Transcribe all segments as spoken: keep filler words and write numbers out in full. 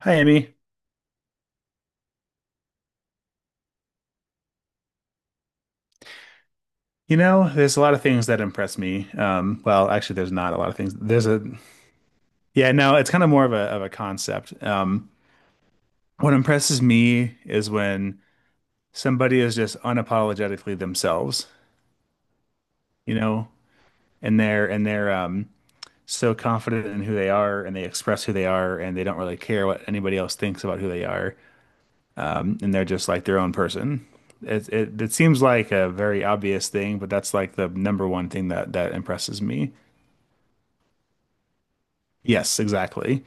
Hi, Emmy. You know, there's a lot of things that impress me. Um, well, actually, there's not a lot of things. There's a, yeah, no, it's kind of more of a of a concept. Um, what impresses me is when somebody is just unapologetically themselves, you know, and they're and they're um so confident in who they are, and they express who they are, and they don't really care what anybody else thinks about who they are um, and they're just like their own person. It it, it seems like a very obvious thing, but that's like the number one thing that that impresses me. Yes, exactly.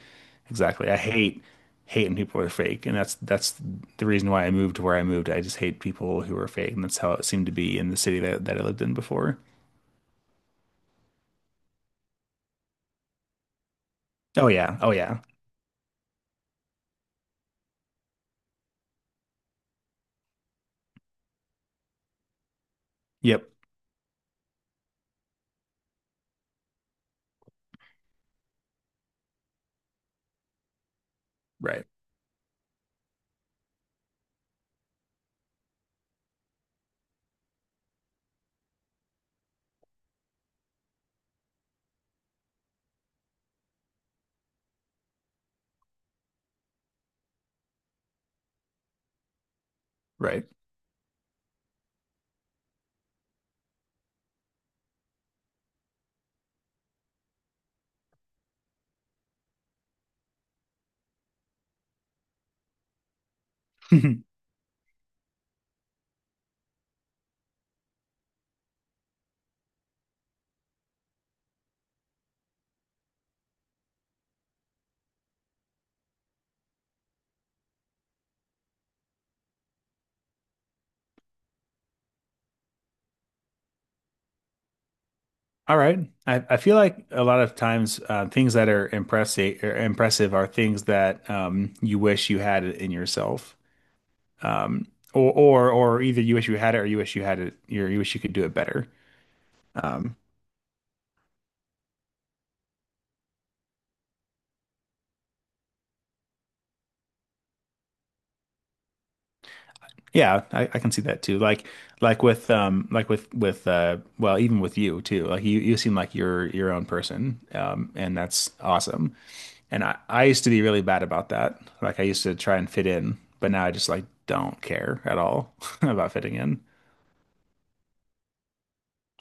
Exactly. I hate hate when people are fake, and that's that's the reason why I moved to where I moved. I just hate people who are fake, and that's how it seemed to be in the city that, that I lived in before. Oh yeah. Oh yeah. Yep. Right. Right. All right. I, I feel like a lot of times, uh, things that are impressive or impressive are things that, um, you wish you had it in yourself, um, or or or either you wish you had it or you wish you had it, you you wish you could do it better. Um, Yeah, I, I can see that too. Like, like with um like with with uh well, even with you too. Like you you seem like you're your own person. Um and that's awesome. And I I used to be really bad about that. Like, I used to try and fit in, but now I just like don't care at all about fitting in.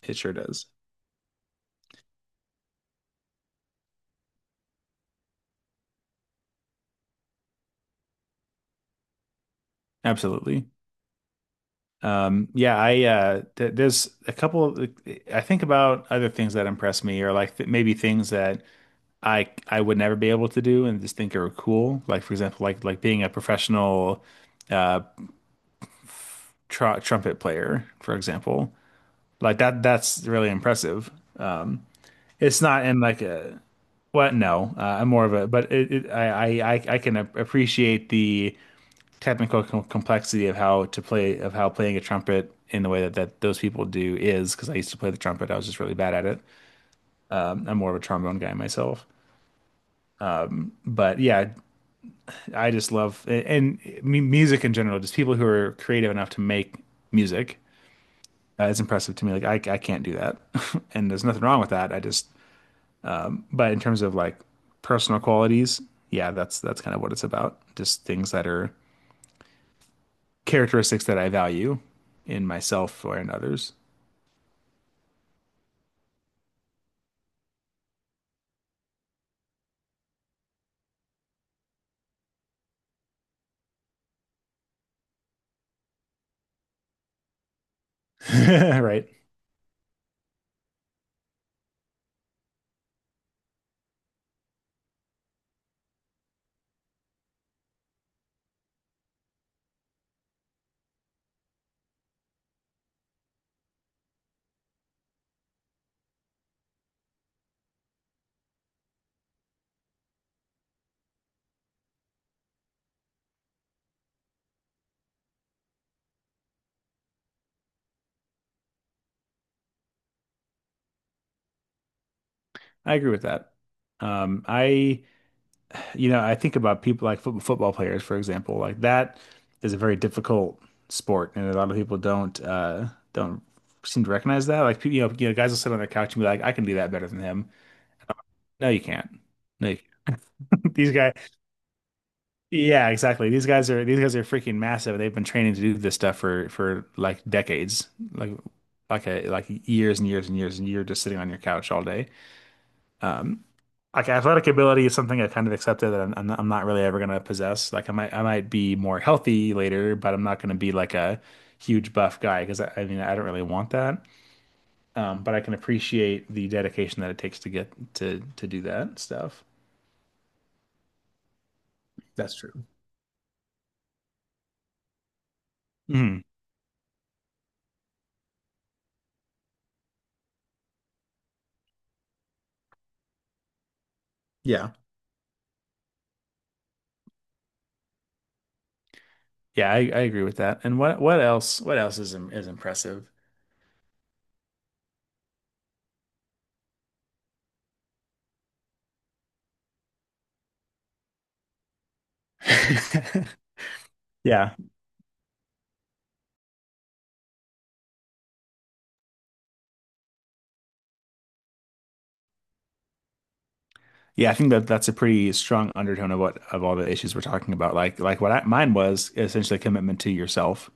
It sure does. Absolutely. Um yeah, I uh th there's a couple of, I think about other things that impress me, or like th maybe things that I I would never be able to do and just think are cool. Like, for example, like like being a professional tr trumpet player, for example. Like, that that's really impressive. It's not in like a what? No, uh, I'm more of a but it, it, I I I I can ap- appreciate the technical com complexity of how to play of how playing a trumpet in the way that that those people do is because I used to play the trumpet. I was just really bad at it. I'm more of a trombone guy myself. But yeah, I just love and mu- music in general, just people who are creative enough to make music. Uh, it's impressive to me. Like, I, I can't do that, and there's nothing wrong with that. I just, but in terms of like personal qualities, yeah, that's that's kind of what it's about. Just things that are characteristics that I value in myself or in others. Right. I agree with that. Um, I You know, I think about people like foot football players, for example. Like, that is a very difficult sport, and a lot of people don't uh don't seem to recognize that. Like, you know, you know, guys will sit on their couch and be like, "I can do that better than him." No, you can't. No, you can't. These guys, yeah, exactly. These guys are these guys are freaking massive. They've been training to do this stuff for for like decades, like like a like years and years and years, and you're just sitting on your couch all day. Um, Like athletic ability is something I kind of accepted that I'm, I'm I'm not really ever gonna possess. Like, I might I might be more healthy later, but I'm not gonna be like a huge buff guy because I, I mean, I don't really want that. Um, but I can appreciate the dedication that it takes to get to to do that stuff. That's true. Mhm. Yeah. Yeah, I, I agree with that. And what what else what else is im- is impressive? Yeah. Yeah, I think that that's a pretty strong undertone of what of all the issues we're talking about. Like, like what I, mine was essentially commitment to yourself.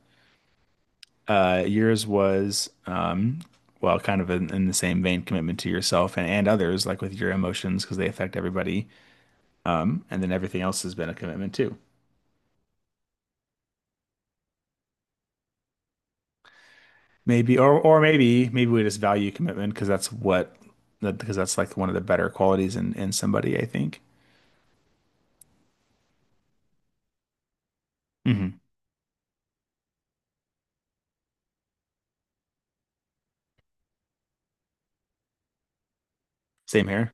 Uh, yours was, um, well, kind of in, in the same vein, commitment to yourself and, and others, like with your emotions, because they affect everybody. Um, and then everything else has been a commitment too. Maybe, or or maybe maybe we just value commitment because that's what that because that's like one of the better qualities in in somebody, I think. Hmm. Same here.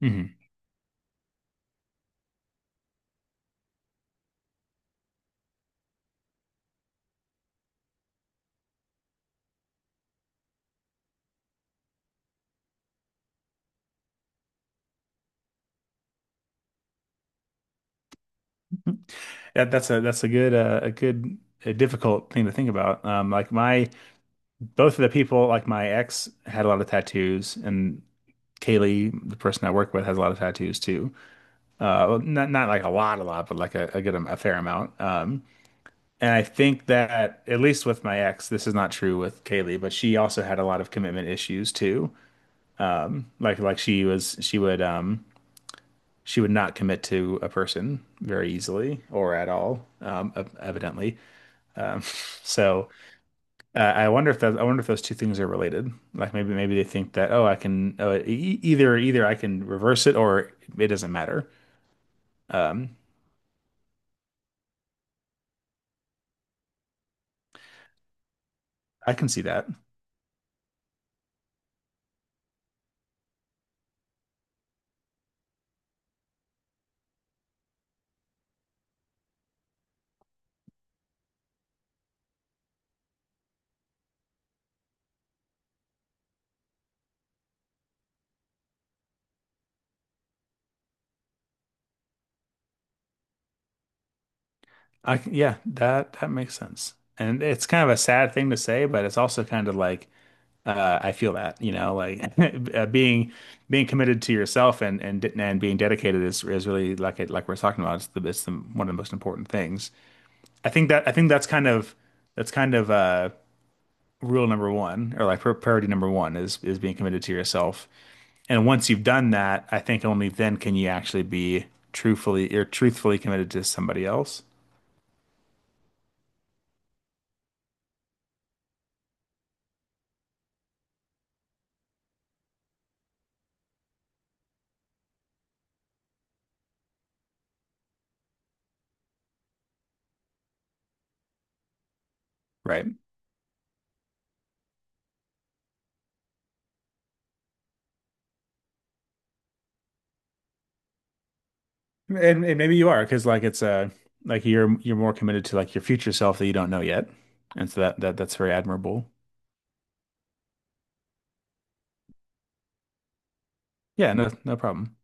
Hmm. That, that's a that's a good, uh, a good, a difficult thing to think about. Um, like my both of the people, like my ex had a lot of tattoos, and Kaylee, the person I work with, has a lot of tattoos too. Uh, well, not not like a lot, a lot, but like a, a good a fair amount. Um, and I think that at least with my ex, this is not true with Kaylee, but she also had a lot of commitment issues too. Like, like she was she would um she would not commit to a person very easily or at all, um, e, evidently. Um, so, uh, I wonder if that, I wonder if those two things are related. Like, maybe maybe they think that, oh, I can, oh, e- e, either either I can reverse it, or it doesn't matter. Um, I can see that. I c- yeah, that that makes sense. And it's kind of a sad thing to say, but it's also kind of like, uh, I feel that, you know, like uh, being being committed to yourself and and de- and being dedicated is is really like it like we're talking about. It's the it's the, one of the most important things. I think that I think that's kind of that's kind of, uh, rule number one, or like pri- priority number one is is being committed to yourself. And once you've done that, I think only then can you actually be truthfully or truthfully committed to somebody else. Right. And, and maybe you are, because like it's a like you're you're more committed to like your future self that you don't know yet. And so that that that's very admirable. Yeah, no, no problem.